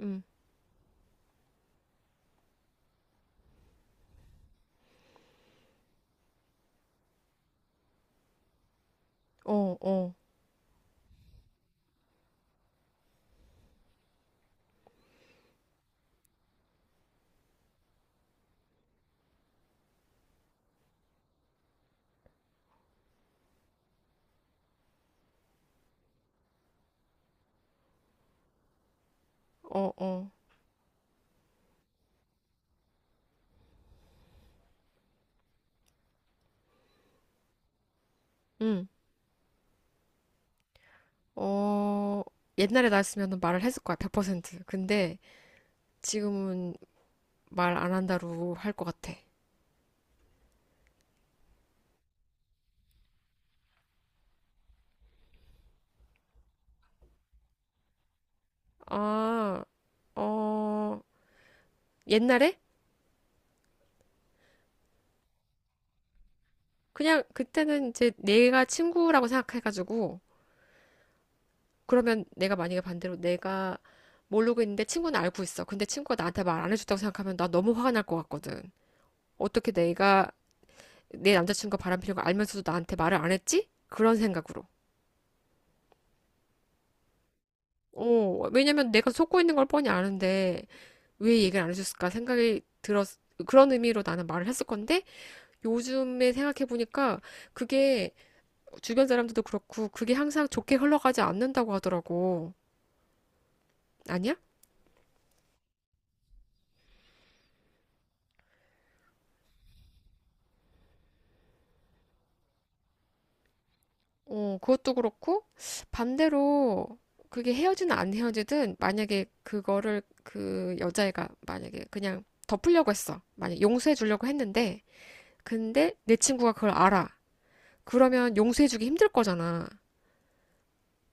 음. 어, 어, 어, 어. 음. 어, 옛날에 나였으면 말을 했을 거야, 100%. 근데 지금은 말 안 한다로 할 것 같아. 아, 어, 옛날에? 그냥 그때는 이제 내가 친구라고 생각해가지고, 그러면 내가 만약에 반대로 내가 모르고 있는데 친구는 알고 있어. 근데 친구가 나한테 말 안 해줬다고 생각하면 나 너무 화가 날 것 같거든. 어떻게 내가 내 남자친구가 바람피는 거 알면서도 나한테 말을 안 했지? 그런 생각으로. 어, 왜냐면 내가 속고 있는 걸 뻔히 아는데 왜 얘기를 안 해줬을까 생각이 들었, 그런 의미로 나는 말을 했을 건데 요즘에 생각해보니까 그게 주변 사람들도 그렇고 그게 항상 좋게 흘러가지 않는다고 하더라고. 아니야? 어, 그것도 그렇고 반대로, 그게 헤어지든 안 헤어지든, 만약에 그거를 그 여자애가 만약에 그냥 덮으려고 했어. 만약 용서해 주려고 했는데 근데 내 친구가 그걸 알아. 그러면 용서해주기 힘들 거잖아.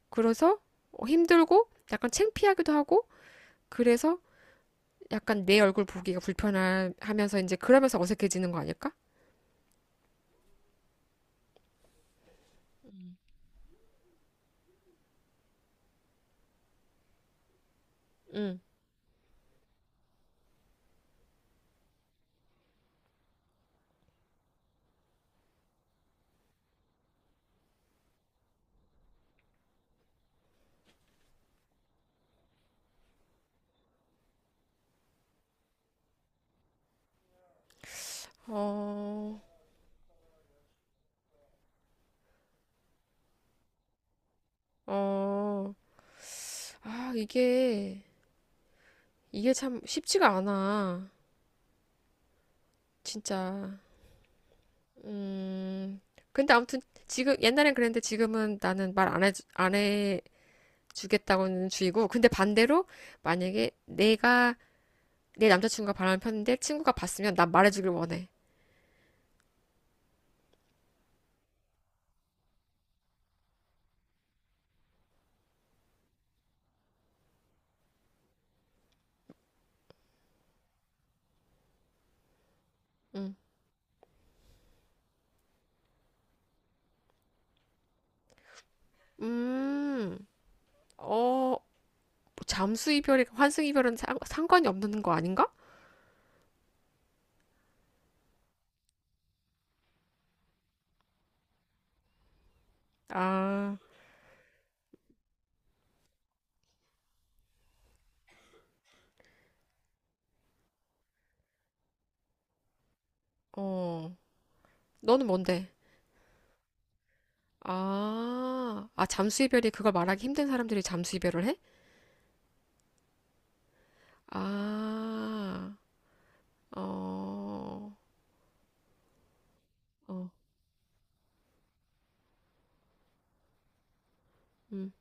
그래서 어, 힘들고 약간 창피하기도 하고, 그래서 약간 내 얼굴 보기가 불편하면서 이제 그러면서 어색해지는 거 아닐까? 응. 어, 어, 아, 이게 참 쉽지가 않아. 진짜. 음, 근데 아무튼 지금, 옛날엔 그랬는데 지금은 나는 말 안 해, 안 해주겠다고는 주의고. 근데 반대로 만약에 내가 내 남자친구가 바람을 폈는데 친구가 봤으면 난 말해주길 원해. 응. 음, 어, 뭐 잠수 이별이 환승 이별은 상관이 없는 거 아닌가? 아, 어, 너는 뭔데? 아, 아, 잠수 이별이 그걸 말하기 힘든 사람들이 잠수 이별을 해? 아, 어, 어, 음,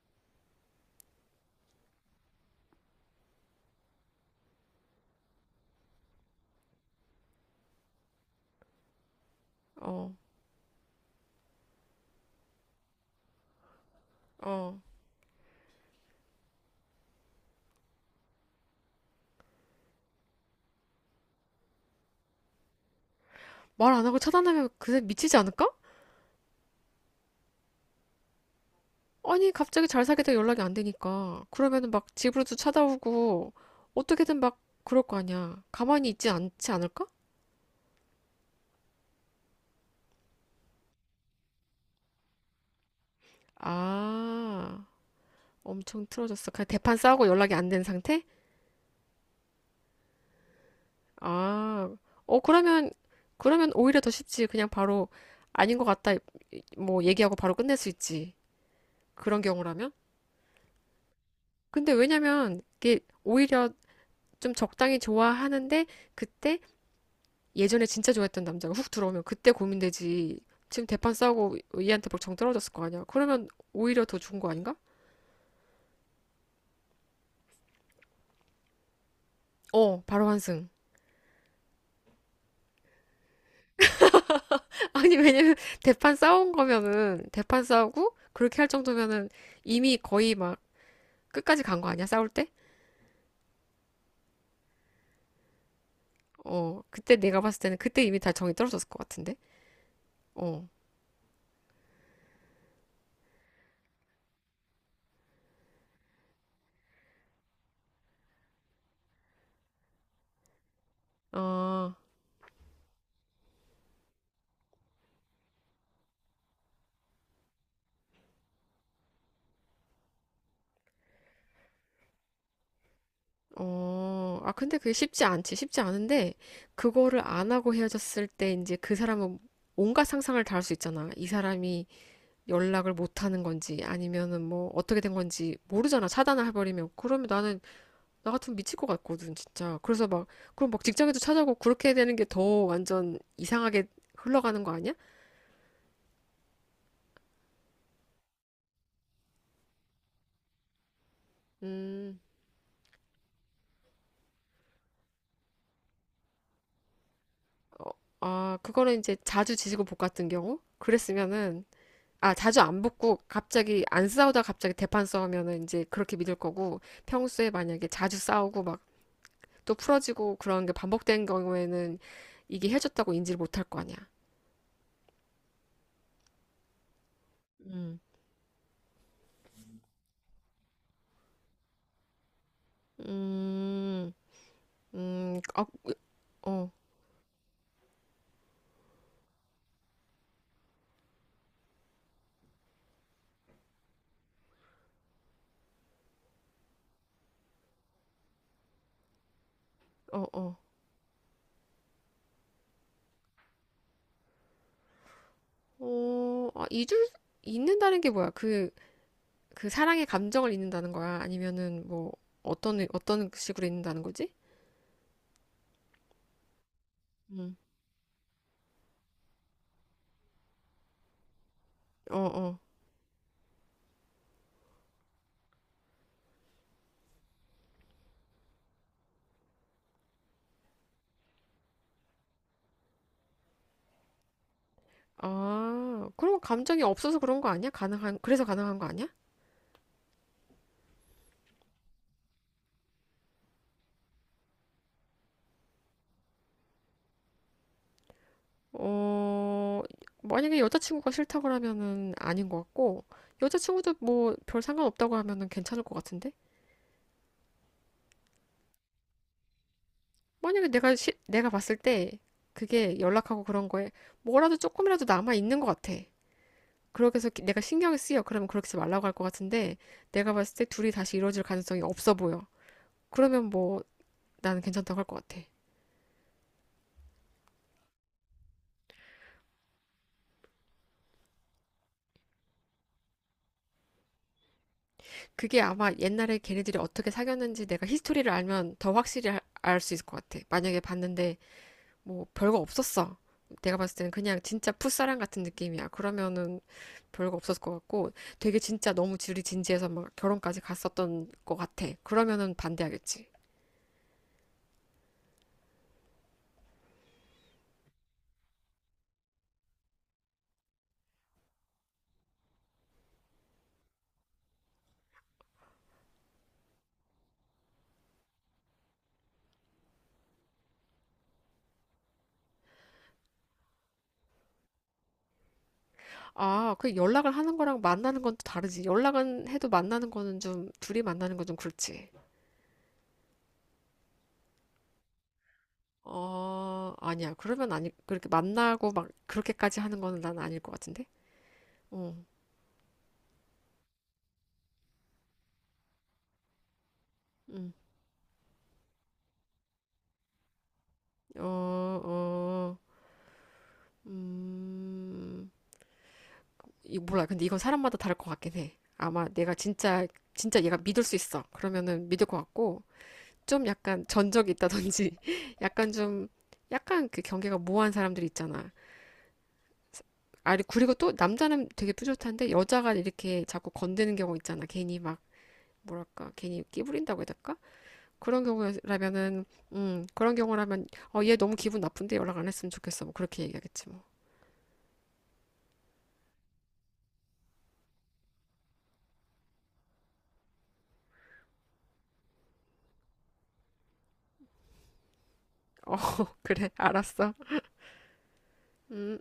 어, 어. 말 안 하고 차단하면 그새 미치지 않을까? 아니, 갑자기 잘 사귀다 연락이 안 되니까. 그러면은 막 집으로도 찾아오고, 어떻게든 막 그럴 거 아니야. 가만히 있지 않지 않을까? 아. 엄청 틀어졌어. 그냥 대판 싸우고 연락이 안 된 상태? 아, 어, 그러면, 그러면 오히려 더 쉽지. 그냥 바로, 아닌 것 같다. 뭐 얘기하고 바로 끝낼 수 있지. 그런 경우라면. 근데 왜냐면 이게 오히려 좀 적당히 좋아하는데 그때 예전에 진짜 좋아했던 남자가 훅 들어오면 그때 고민되지. 지금 대판 싸우고 얘한테 벌정 떨어졌을 거 아니야. 그러면 오히려 더 좋은 거 아닌가? 어, 바로 환승. 아니, 왜냐면 대판 싸운 거면은, 대판 싸우고, 그렇게 할 정도면은, 이미 거의 막, 끝까지 간 거 아니야? 싸울 때? 어, 그때 내가 봤을 때는, 그때 이미 다 정이 떨어졌을 것 같은데? 어, 아, 어, 아, 근데 그게 쉽지 않지. 쉽지 않은데, 그거를 안 하고 헤어졌을 때, 이제 그 사람은 온갖 상상을 다 할 수 있잖아. 이 사람이 연락을 못 하는 건지, 아니면은 뭐, 어떻게 된 건지 모르잖아. 차단을 해버리면. 그러면 나는, 나 같으면 미칠 것 같거든, 진짜. 그래서 막, 그럼 막 직장에도 찾아고, 그렇게 되는 게 더 완전 이상하게 흘러가는 거 아니야? 음, 어, 아, 그거는 이제 자주 지지고 볶 같은 경우? 그랬으면은, 아, 자주 안 붙고 갑자기 안 싸우다 갑자기 대판 싸우면은 이제 그렇게 믿을 거고, 평소에 만약에 자주 싸우고 막 또 풀어지고 그런 게 반복된 경우에는 이게 헤어졌다고 인지를 못할 거 아니야. 음. 음, 어, 어, 어, 어. 어, 아, 잊을, 잊는다는 게 뭐야? 그, 그 사랑의 감정을 잊는다는 거야? 아니면은 뭐, 어떤, 어떤 식으로 잊는다는 거지? 응. 어, 어. 아, 그럼 감정이 없어서 그런 거 아니야? 가능한, 그래서 가능한 거 아니야? 어, 만약에 여자친구가 싫다 그러면은 아닌 것 같고, 여자친구도 뭐 별 상관없다고 하면은 괜찮을 것 같은데? 만약에 내가 봤을 때, 그게 연락하고 그런 거에 뭐라도 조금이라도 남아 있는 것 같아. 그렇게 해서 내가 신경을 쓰여. 그러면 그렇게 하지 말라고 할 것 같은데, 내가 봤을 때 둘이 다시 이루어질 가능성이 없어 보여. 그러면 뭐 나는 괜찮다고 할 것 같아. 그게 아마 옛날에 걔네들이 어떻게 사귀었는지 내가 히스토리를 알면 더 확실히 알 수 있을 것 같아. 만약에 봤는데 뭐 별거 없었어. 내가 봤을 때는 그냥 진짜 풋사랑 같은 느낌이야. 그러면은 별거 없었을 것 같고, 되게 진짜 너무 둘이 진지해서 막 결혼까지 갔었던 것 같아. 그러면은 반대하겠지. 아, 그 연락을 하는 거랑 만나는 건 또 다르지. 연락은 해도 만나는 거는 좀, 둘이 만나는 건 좀 그렇지. 어, 아니야. 그러면 아니, 그렇게 만나고 막 그렇게까지 하는 거는 난 아닐 것 같은데? 어, 음, 어, 어, 음, 이 몰라. 근데 이건 사람마다 다를 것 같긴 해. 아마 내가 진짜, 진짜 얘가 믿을 수 있어. 그러면은 믿을 것 같고, 좀 약간 전적이 있다든지, 약간 좀, 약간 그 경계가 모호한 사람들 있잖아. 아니, 그리고 또 남자는 되게 뿌듯한데 여자가 이렇게 자꾸 건드는 경우 있잖아. 괜히 막 뭐랄까, 괜히 끼부린다고 해야 될까? 그런 경우라면은, 그런 경우라면, 어, 얘 너무 기분 나쁜데 연락 안 했으면 좋겠어. 뭐 그렇게 얘기하겠지 뭐. 어, 그래, 알았어. 음.